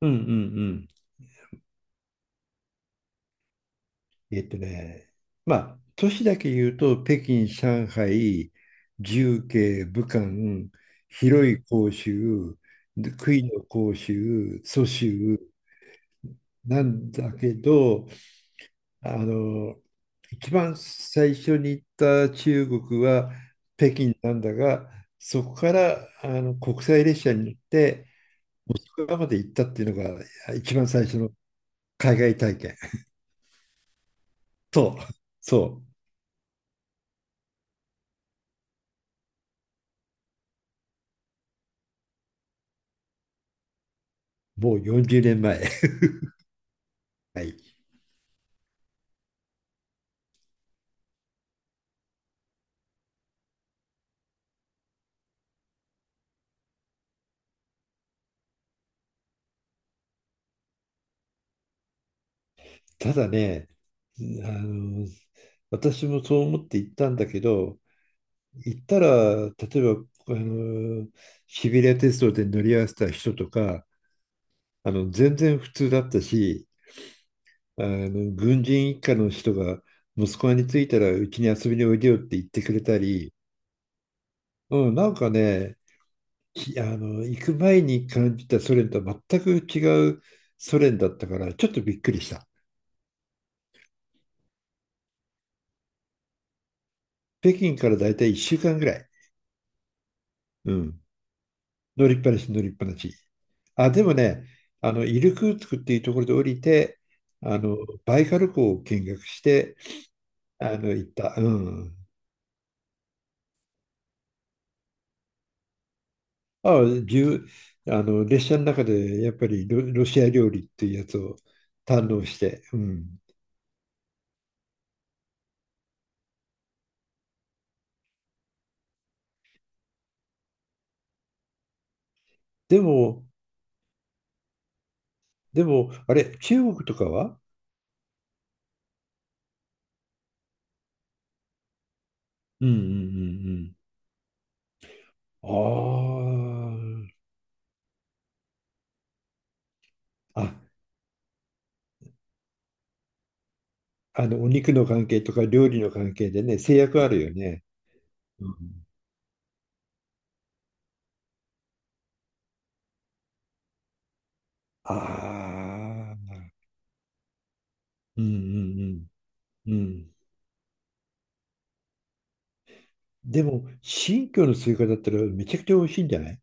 うんうんうん。えっとね、まあ、都市だけ言うと、北京、上海、重慶、武漢、広州、で広州、蘇州なんだけど、あの、一番最初に行った中国は北京なんだが、そこから国際列車に乗って、モスクワまで行ったっていうのが一番最初の海外体験。そう、そう。もう40年前。はい。ただね、あの、私もそう思って行ったんだけど、行ったら、例えば、あの、シベリア鉄道で乗り合わせた人とか、全然普通だったし、軍人一家の人が、息子に着いたら、うちに遊びにおいでよって言ってくれたり、うん、なんかね、ひあの、行く前に感じたソ連とは全く違うソ連だったから、ちょっとびっくりした。北京からだいたい1週間ぐらい。うん。乗りっぱなし、乗りっぱなし。あ、でもね、イルクーツクっていうところで降りて、あの、バイカル湖を見学して、行った。うん。あ、じゅう、あの、列車の中でやっぱりロシア料理っていうやつを堪能して。うん。でも、でも、あれ、中国とかは。うんうんうんうん。ああ、お肉の関係とか料理の関係でね、制約あるよね。うん、ああ、うんうん。うん。うん。でも、新居のスイカだったらめちゃくちゃ美味しいんじゃない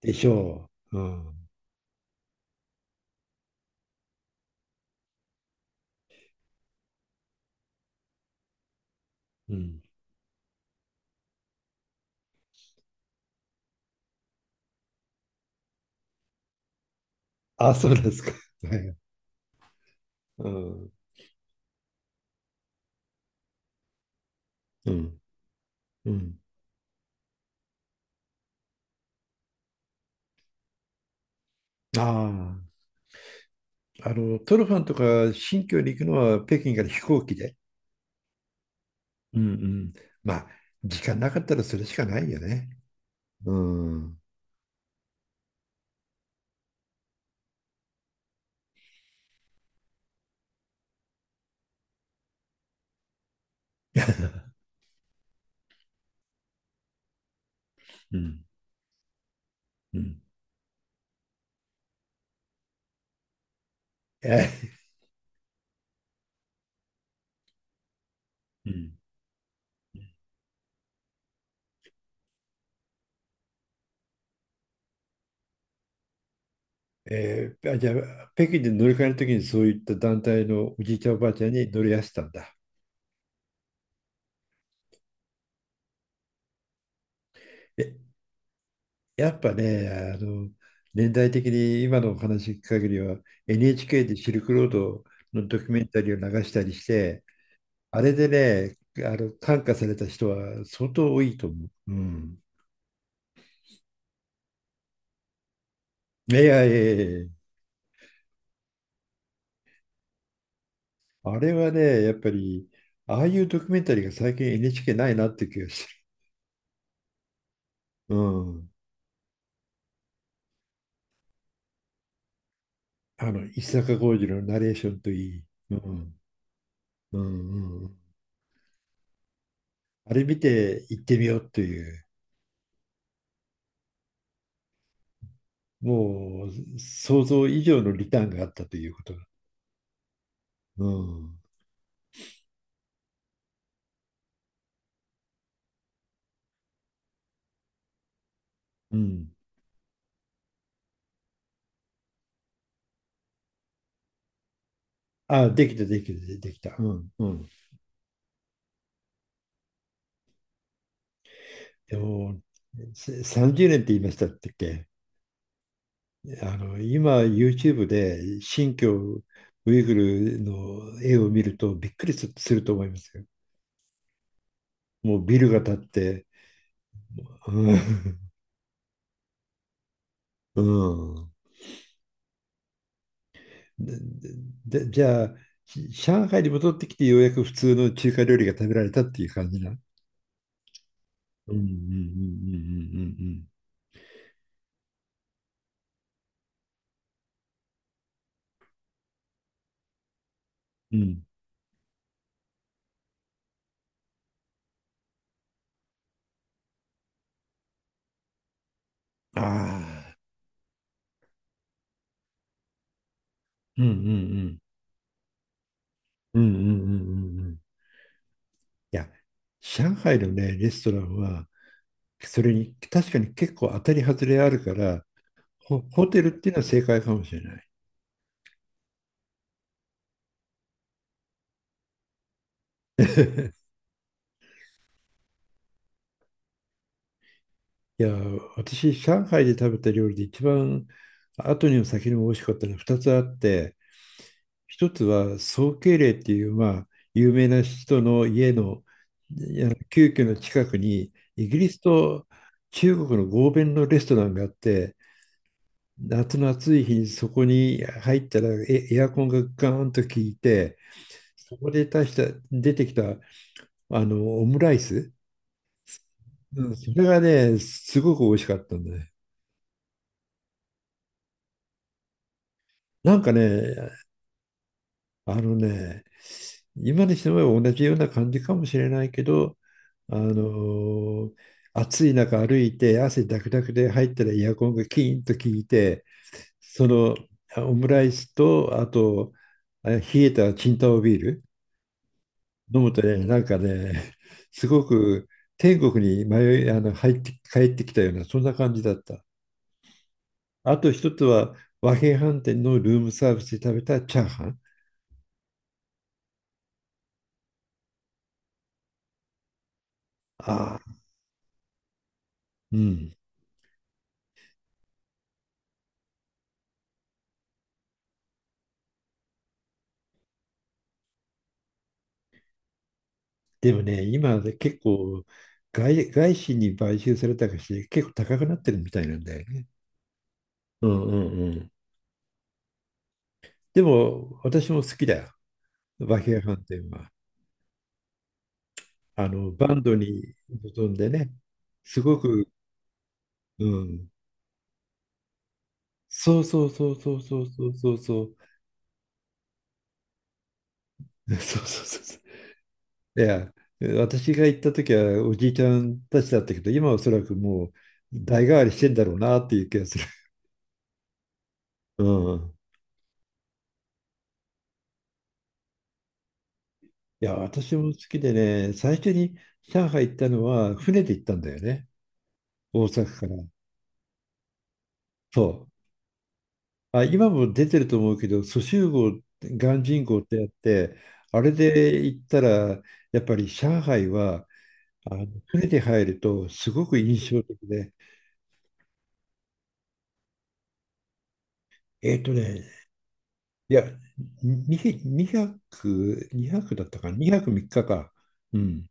でしょう。うん。うん。あ、そうなんですか。はい。うん。うん。うん。ああ。トルファンとか新疆に行くのは北京から飛行機で。うんうん。まあ、時間なかったらそれしかないよね。うん。うん。うん。えうん。じゃあ、北京で乗り換えるときにそういった団体のおじいちゃんおばあちゃんに乗り合わせたんだ。えやっぱね、あの、年代的に今のお話聞く限りは、NHK でシルクロードのドキュメンタリーを流したりして、あれでね、感化された人は相当多いと思う。うん。いやいやいやいや、あれはね、やっぱり、ああいうドキュメンタリーが最近 NHK ないなって気がする。うん。石坂浩二のナレーションといい。うん。うんうんうん。あれ見て行ってみようという。もう想像以上のリターンがあったということが。うん。うん。あ、できた、できた、できた。うん。うねん。でも、30年って言いましたっけ？今、YouTube で新疆ウイグルの絵を見るとびっくりすすると思いますよ。もうビルが建って。うん。うん。で、じゃあ、上海に戻ってきてようやく普通の中華料理が食べられたっていう感じな。うんうんうんうんうんうんうん。うん。ああ、うんうんうん。うんうんうんうんうん。いや、上海のね、レストランは、それに確かに結構当たり外れあるから、ホテルっていうのは正解かもしれない。いや、私、上海で食べた料理で一番後にも先にも美味しかったのは2つあって、1つは宋慶齢っていう、まあ、有名な人の家の旧居の近くに、イギリスと中国の合弁のレストランがあって、夏の暑い日にそこに入ったらエアコンがガーンと効いて、そこで出てきたオムライス、うん、それがね、すごく美味しかったんだね。なんかね、あのね、今にしても同じような感じかもしれないけど、あのー暑い中歩いて汗だくだくで入ったらエアコンがキーンと効いて、そのオムライスと、あと、冷えたチンタオビール。飲むとね、なんかね、すごく天国に迷い、入って帰ってきたような、そんな感じだった。あと一つは、和平飯店のルームサービスで食べたチャーハン。ああ、うん。でもね、今で結構外資に買収されたかし結構高くなってるみたいなんだよね。うんうんうん。でも、私も好きだよ。和平飯店は。バンドに臨んでね、すごく、うん。そうそうそうそうそうそうそうそう。そうそうそうそう。いや、私が行った時はおじいちゃんたちだったけど、今はおそらくもう代替わりしてんだろうなっていう気がする。うん。いや、私も好きでね、最初に上海行ったのは船で行ったんだよね。大阪から。そう。あ、今も出てると思うけど、蘇州号、鑑真号ってやって、あれで行ったら、やっぱり上海は、船で入るとすごく印象的で、えっとね、いや、200、にひゃくだったかな、2泊3日か？うん。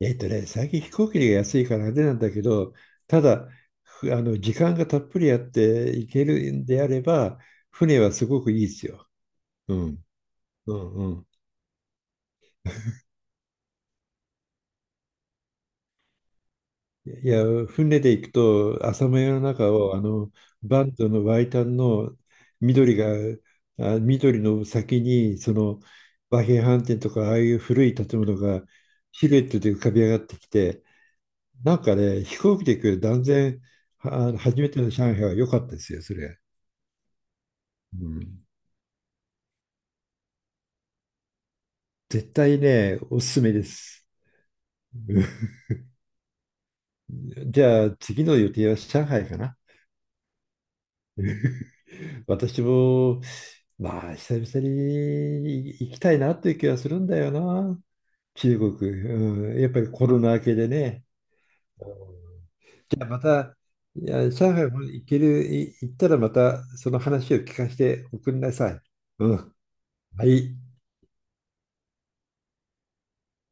最近飛行機が安いからあれなんだけど、ただ、ふあの、時間がたっぷりあって行けるんであれば、船はすごくいいですよ。うん。うんうん。いや、船で行くと、浅間山の中を、バンドのワイタンの緑が、緑の先に、その、和平飯店とか、ああいう古い建物が、シルエットで浮かび上がってきて、なんかね、飛行機で行く断然、初めての上海は良かったですよ、それ。うん、絶対ね、おすすめです。うん。じゃあ、次の予定は上海かな。私も、まあ、久々に行きたいなという気がするんだよな。中国。うん、やっぱりコロナ明けでね。じゃあまた、いや、上海も行ける、行ったらまたその話を聞かせておくんなさい。うん。はい。